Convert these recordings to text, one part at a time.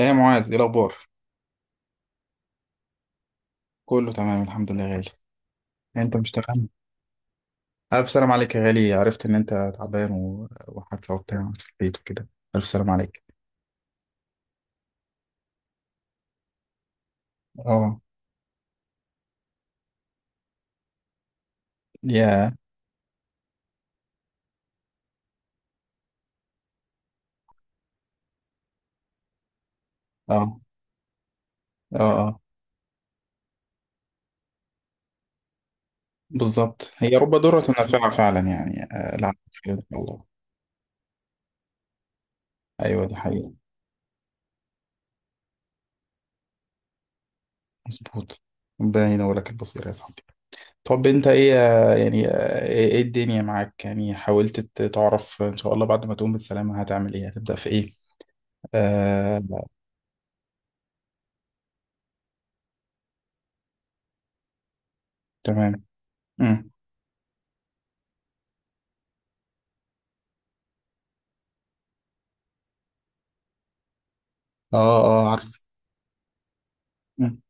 ايه يا معاذ، ايه الاخبار؟ كله تمام الحمد لله يا غالي. انت مش تمام؟ الف سلام عليك يا غالي. عرفت ان انت تعبان و- وحادثه وبتاع في البيت وكده. الف سلام عليك. اه يا اه. اه اه بالظبط، هي رب ضارة نافعة فعلا يعني. العفو. خير ان شاء الله. ايوه دي حقيقة. مظبوط. ربنا ينور لك البصير يا صاحبي. طب انت ايه يعني إيه الدنيا معاك يعني؟ حاولت تعرف ان شاء الله بعد ما تقوم بالسلامة هتعمل ايه؟ هتبدأ في ايه؟ آه لا. تمام. اه اه عارف. مم.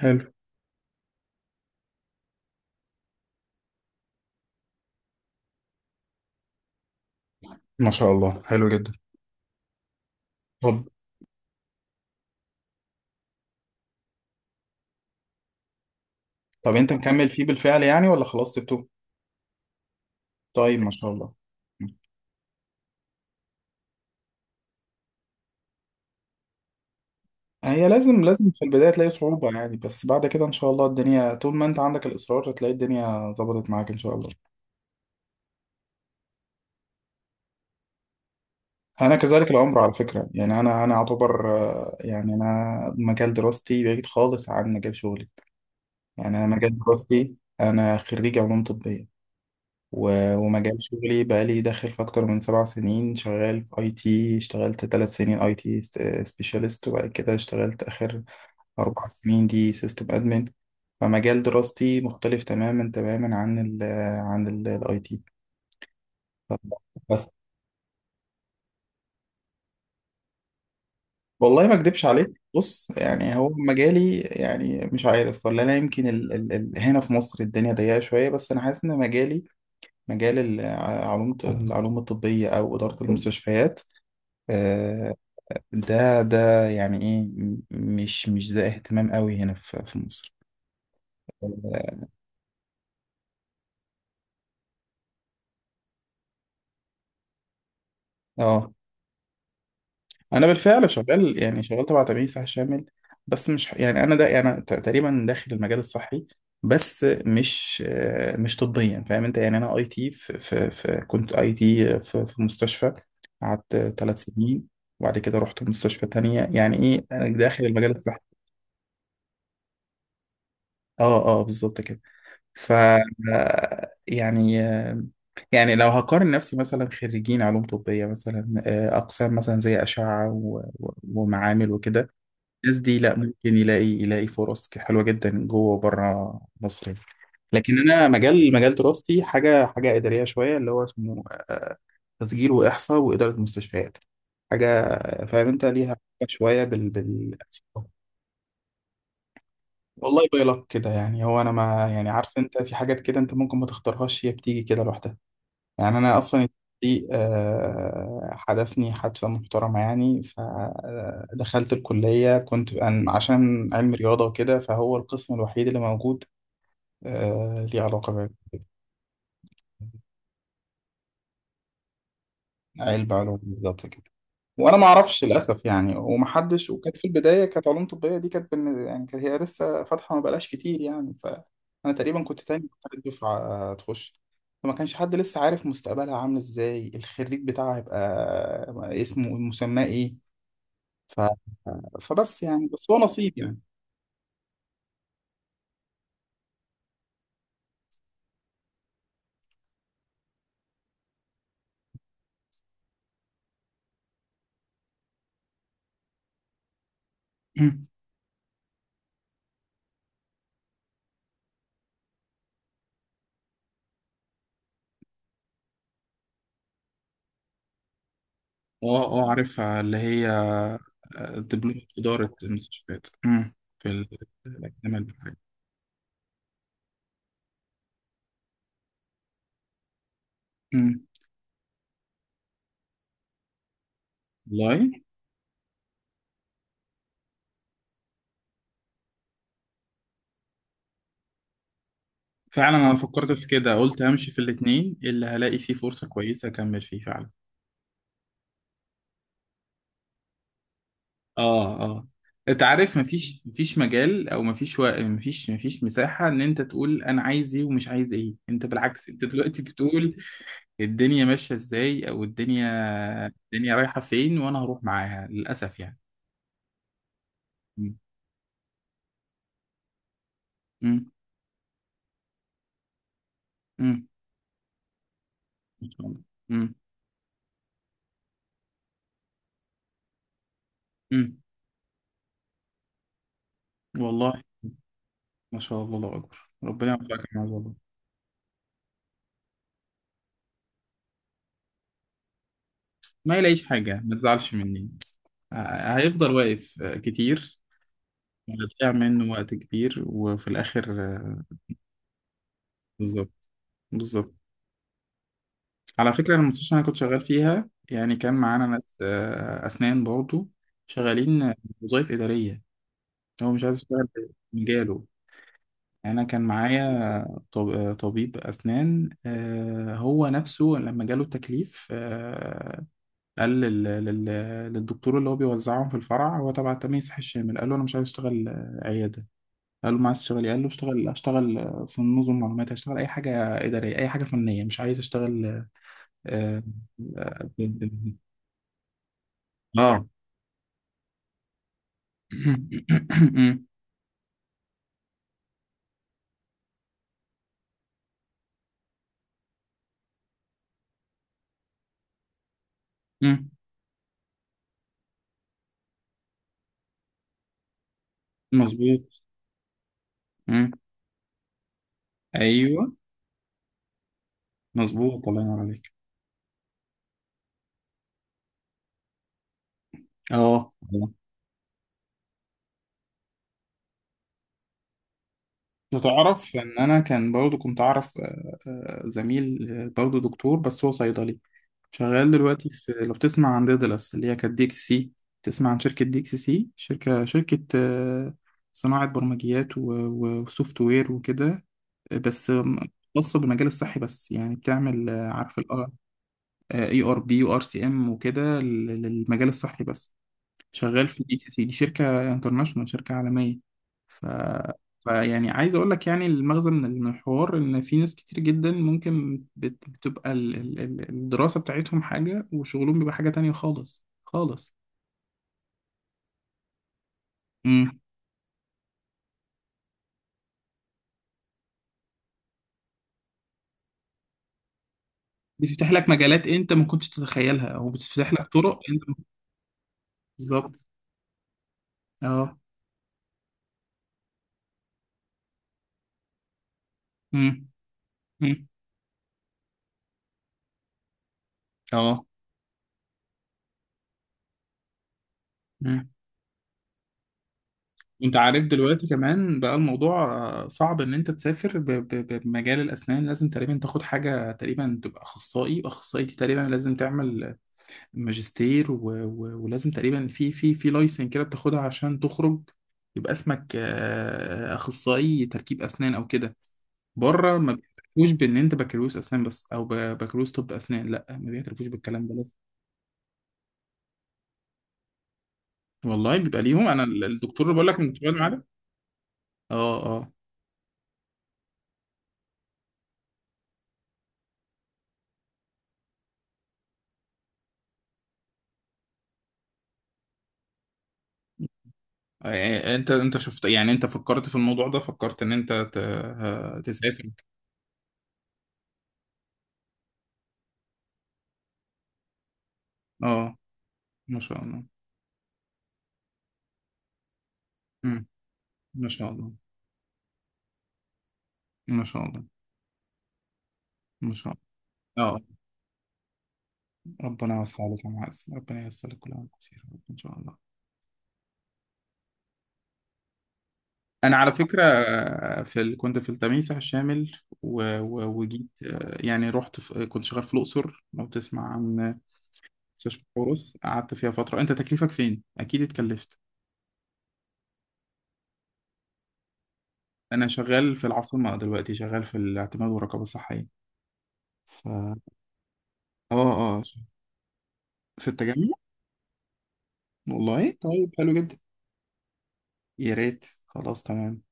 حلو. ما شاء الله حلو جدا. طب طب انت مكمل فيه بالفعل يعني ولا خلاص سبته؟ طيب ما شاء الله. مم. هي لازم في البداية تلاقي صعوبة يعني، بس بعد كده إن شاء الله الدنيا طول ما أنت عندك الإصرار هتلاقي الدنيا ظبطت معاك إن شاء الله. أنا كذلك الأمر على فكرة يعني، أنا أعتبر يعني أنا مجال دراستي بعيد خالص عن مجال شغلي. يعني أنا مجال دراستي، أنا خريج علوم طبية، و- ومجال شغلي بقالي داخل في أكتر من 7 سنين، شغال في أي تي. اشتغلت 3 سنين أي تي سبيشالست، وبعد كده اشتغلت آخر 4 سنين دي سيستم أدمن. فمجال دراستي مختلف تماما عن عن الاي تي بس. والله ما اكدبش عليك، بص يعني هو مجالي يعني مش عارف، ولا انا يمكن ال ال ال هنا في مصر الدنيا ضيقه شويه، بس انا حاسس ان مجالي مجال العلوم، العلوم الطبيه او اداره المستشفيات، آه، ده يعني ايه مش ده اهتمام قوي هنا في مصر. اه انا بالفعل شغال، يعني شغال تبع تأمين صحي شامل، بس مش يعني انا ده يعني تقريبا داخل المجال الصحي، بس مش مش طبيا فاهم انت يعني. انا اي تي في, في, في كنت اي تي في مستشفى، قعدت 3 سنين، وبعد كده رحت مستشفى تانية. يعني ايه، أنا داخل المجال الصحي. اه اه بالظبط كده. ف يعني يعني لو هقارن نفسي مثلا خريجين علوم طبية مثلا، أقسام مثلا زي أشعة و- و- ومعامل وكده، الناس دي لا، ممكن يلاقي فرص حلوة جدا جوه وبره مصر يعني. لكن أنا مجال دراستي حاجة إدارية شوية، اللي هو اسمه آه، تسجيل وإحصاء وإدارة مستشفيات. حاجة فاهم أنت ليها علاقة شوية بال بال والله باي لك كده، يعني هو أنا ما يعني، عارف أنت في حاجات كده أنت ممكن ما تختارهاش، هي بتيجي كده لوحدها. يعني انا اصلا دي حدفني حدفة محترمة يعني، فدخلت الكلية كنت عشان علم رياضة وكده، فهو القسم الوحيد اللي موجود ليه علاقة بعلم علوم. بالظبط كده. وانا ما اعرفش للاسف يعني، ومحدش، وكانت في البدايه كانت علوم طبيه دي كانت يعني كانت هي لسه فاتحه، ما بقالهاش كتير يعني، فانا تقريبا كنت تاني أو تالت دفعه، تخش. فما كانش حد لسه عارف مستقبلها عامل ازاي، الخريج بتاعها هيبقى اسمه مسماه ايه. ف... فبس يعني بس هو نصيب يعني. مم. اه اه عارفها، اللي هي دبلومة إدارة المستشفيات. مم. في الأكاديمية البحرية. مم. والله. فعلا أنا فكرت في كده، قلت همشي في الاتنين، اللي هلاقي فيه فرصة كويسة أكمل فيه فعلا. اه اه. انت عارف مفيش مجال او مفيش مفيش مساحة ان انت تقول انا عايز ايه ومش عايز ايه، انت بالعكس انت دلوقتي بتقول الدنيا ماشية ازاي او الدنيا، الدنيا رايحة فين وانا هروح معاها، للأسف يعني. مم. مم. مم. ما شاء الله. مم. مم. والله. ما شاء الله الله أكبر، ربنا يوفقك يا معاذ والله. ما يلاقيش حاجة، ما تزعلش مني، هيفضل واقف كتير، هتضيع منه وقت كبير، وفي الآخر بالظبط. بالظبط على فكرة. أنا المستشفى اللي أنا كنت شغال فيها، يعني كان معانا ناس أسنان برضه، شغالين وظائف إدارية. هو مش عايز يشتغل في مجاله. انا كان معايا طبيب اسنان، هو نفسه لما جاله التكليف قال للدكتور اللي هو بيوزعهم في الفرع، هو تبع تمييز صحي الشامل، قال له انا مش عايز اشتغل عياده. قال له ما عايز تشتغل إيه؟ قال له اشتغل في نظم معلومات، هشتغل اي حاجه اداريه، اي حاجه فنيه، مش عايز اشتغل. اه اه. آه. مظبوط. مم. ايوه. مظبوط. الله ينور عليك. اه تعرف ان انا كان برضو كنت اعرف زميل برضو دكتور بس هو صيدلي، شغال دلوقتي في، لو تسمع عن ديدلس، اللي هي كانت دي اكس سي. تسمع عن شركة دي اكس سي؟ شركة صناعة برمجيات و- و- وسوفت وير وكده، بس خاصة بالمجال الصحي بس، يعني بتعمل عارف ال اي ار بي وار سي ام وكده للمجال الصحي بس. شغال في اتش سي سي، دي شركه انترناشونال، شركه عالميه. ف... فيعني عايز اقول لك يعني المغزى من من الحوار، ان في ناس كتير جدا ممكن بتبقى الدراسه بتاعتهم حاجه، وشغلهم بيبقى حاجه تانية خالص خالص. امم. بتفتح لك مجالات انت ما كنتش تتخيلها، او بتفتح لك طرق انت ما كنتش- بالظبط. اه. امم. امم. اه. مم. انت عارف دلوقتي كمان بقى الموضوع صعب ان انت تسافر بمجال الاسنان. لازم تقريبا تاخد حاجه تقريبا تبقى اخصائي، واخصائي دي تقريبا لازم تعمل ماجستير ولازم تقريبا في لايسن كده بتاخدها عشان تخرج، يبقى اسمك اخصائي تركيب اسنان او كده. بره ما بيعترفوش بان انت بكالوريوس اسنان بس، او بكالوريوس طب اسنان، لا ما بيعترفوش بالكلام ده، لازم. والله بيبقى ليهم. انا الدكتور اللي بقول لك من بتوع المعادن. اه اه. انت شفت يعني، انت فكرت في الموضوع ده؟ فكرت ان انت تسافر؟ اه. ما شاء الله. مم. ما شاء الله. ما شاء الله. ما شاء الله. اه. ربنا يوسع عليك يا معز، ربنا ييسر لك، كل عام كتير يا رب ان شاء الله. انا على فكره في كنت في التميسح الشامل، و... و... وجيت يعني رحت كنت شغال في الاقصر، لو تسمع عن مستشفى حورس، قعدت فيها فتره. انت تكليفك فين؟ اكيد اتكلفت. انا شغال في العاصمه دلوقتي، شغال في الاعتماد والرقابه الصحيه. ف اه اه، في التجمع. والله طيب حلو جدا. يا ريت، خلاص تمام.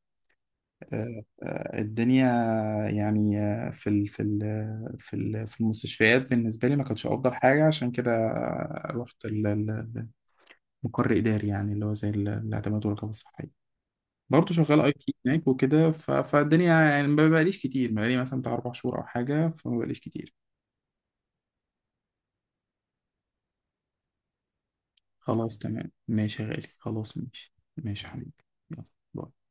آه الدنيا يعني في المستشفيات بالنسبة لي ما كانتش أفضل حاجة، عشان كده رحت المقر إداري، يعني اللي هو زي الاعتماد والرقابة الصحية. برضه شغال اي تي هناك وكده، فالدنيا يعني ما بقاليش كتير، ما بقالي مثلا بتاع 4 شهور أو حاجة، فما بقاليش كتير. خلاص تمام، ماشي يا غالي، خلاص ماشي ماشي يا حبيبي. يلا، باي.